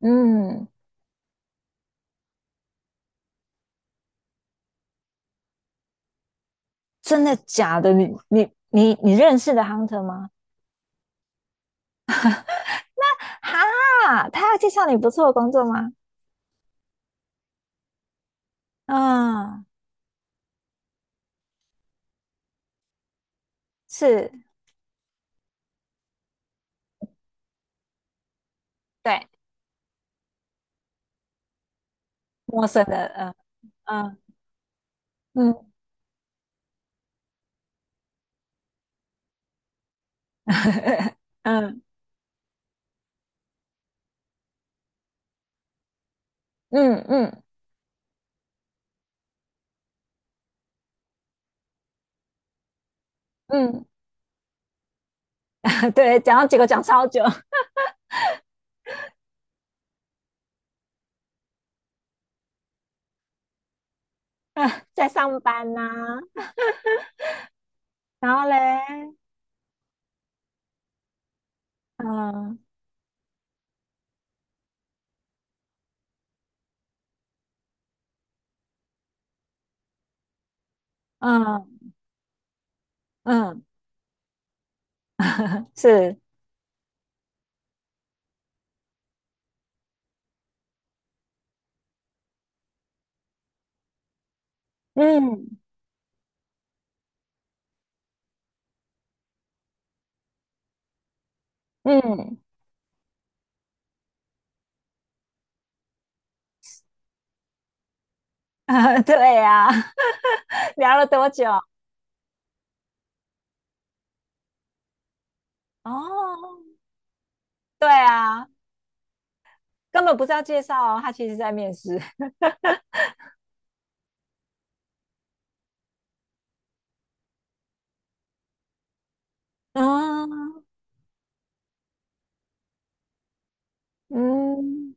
嗯，真的假的？你认识的 Hunter 吗？哈，他要介绍你不错的工作吗？嗯，是，对，陌生的，嗯嗯嗯 嗯嗯嗯嗯，对，讲到结果讲超久，在上班呐、然后嘞，嗯嗯嗯，是，嗯嗯，对呀、聊了多久？哦，对啊，根本不是要介绍哦他其实在面试。嗯嗯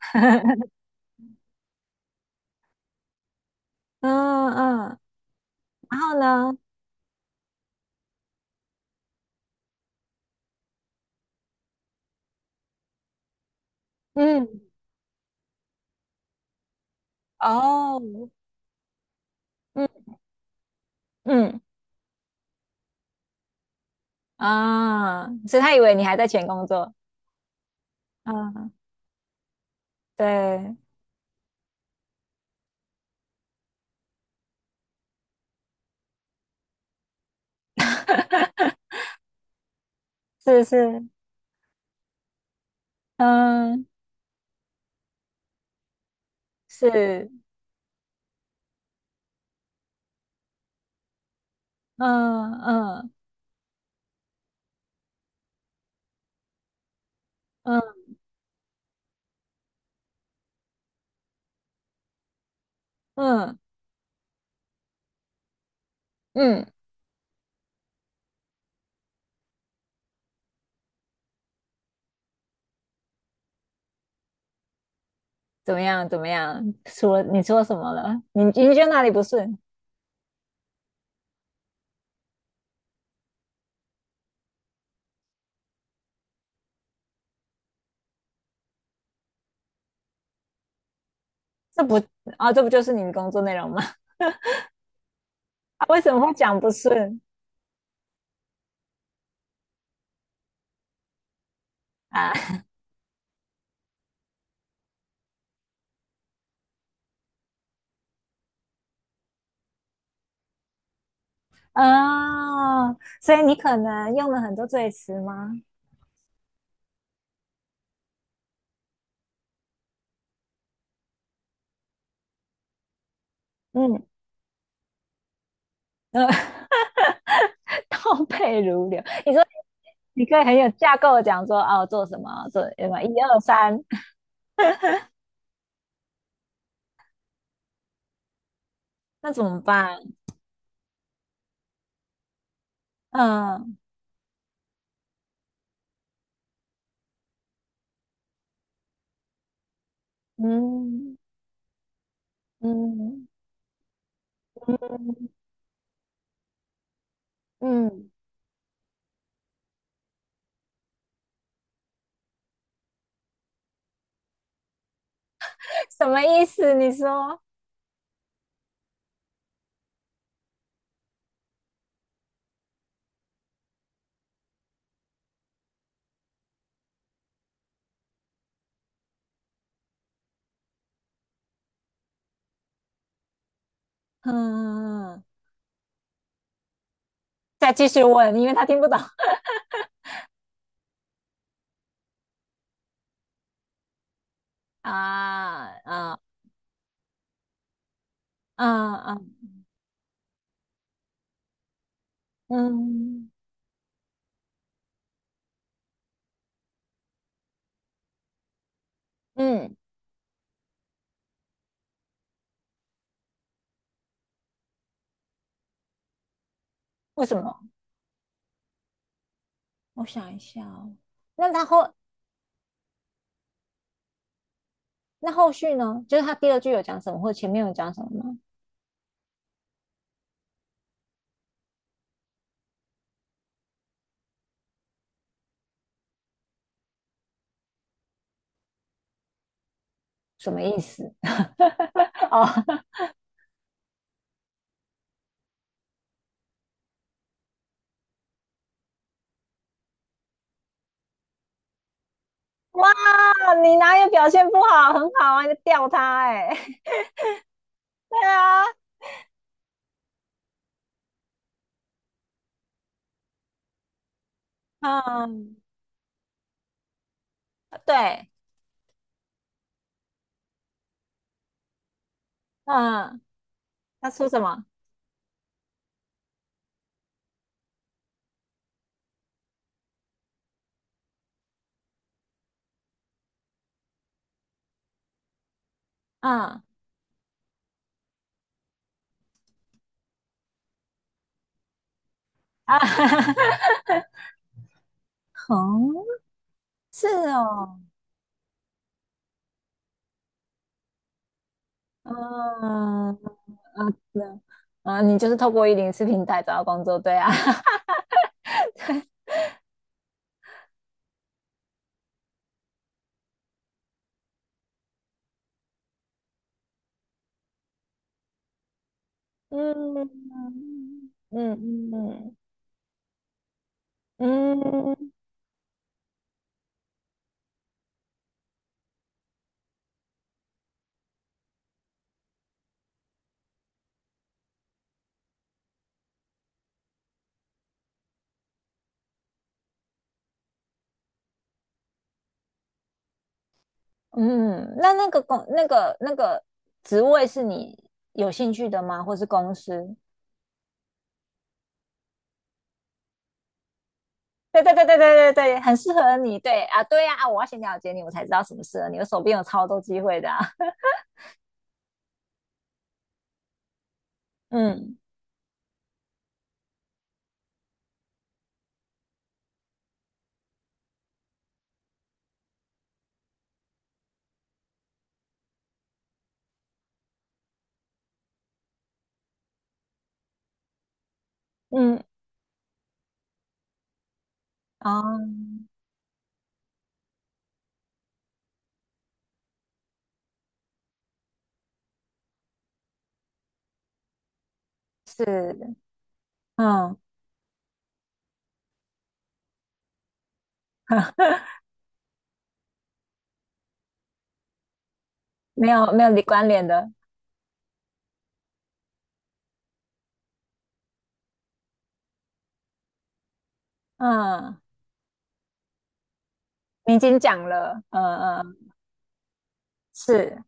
嗯嗯，然后呢？嗯，哦，嗯嗯啊，所以他以为你还在前工作。嗯，对，是是，嗯是，嗯嗯嗯嗯嗯，怎么样怎么样？说你说什么了？你你觉得哪里不顺？这不啊，这不就是你的工作内容吗？啊为什么会讲不顺啊？啊，所以你可能用了很多赘词吗？嗯，呃 倒背如流。你说你可以很有架构的讲说，哦，做什么，做什么，一二三，那怎么办？嗯嗯嗯嗯嗯，什么意思？你说，嗯，再继续问，因为他听不懂啊啊啊啊，嗯嗯，为什么？我想一下哦那他后那后续呢？就是他第二句有讲什么，或前面有讲什么吗？什么意思？哦，哇，你哪有表现不好？很好啊，你吊他哎、欸 对啊，嗯，对，嗯，他说什么？嗯啊，嗯，是哦，嗯嗯，嗯啊，你就是透过104平台找到工作，对啊，嗯嗯嗯嗯嗯。嗯嗯，那那个公那个职位是你有兴趣的吗？或是公司？对对对对对对对，很适合你。对啊，对呀啊，我要先了解你，我才知道什么适合你。我手边有超多机会的啊。嗯嗯，哦，是，嗯，没有没有你关联的。嗯，你已经讲了。嗯嗯，是，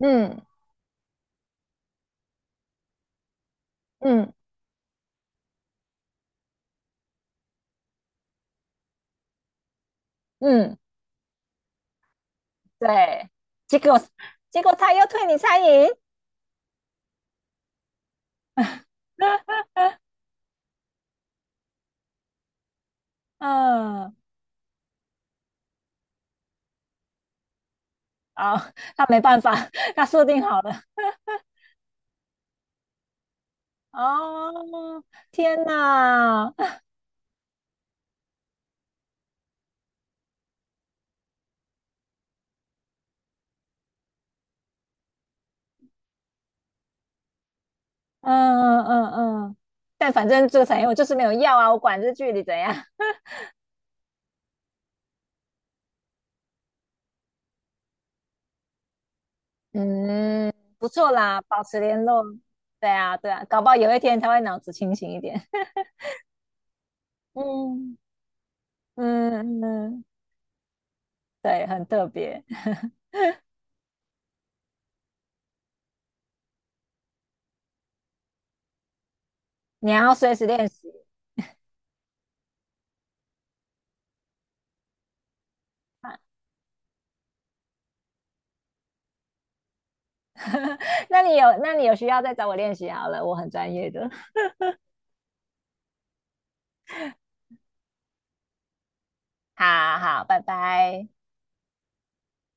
嗯嗯嗯，对。结果结果他又退你餐饮。嗯。啊、他没办法，他设定好了。哦，天哪，嗯嗯嗯嗯，但反正这个产业我就是没有要啊，我管这距离怎样。嗯，不错啦，保持联络。对啊，对啊，搞不好有一天他会脑子清醒一点。嗯嗯嗯，对，很特别。你要随时练习啊。那你有，那你有需要再找我练习好了，我很专业的。好好，拜拜。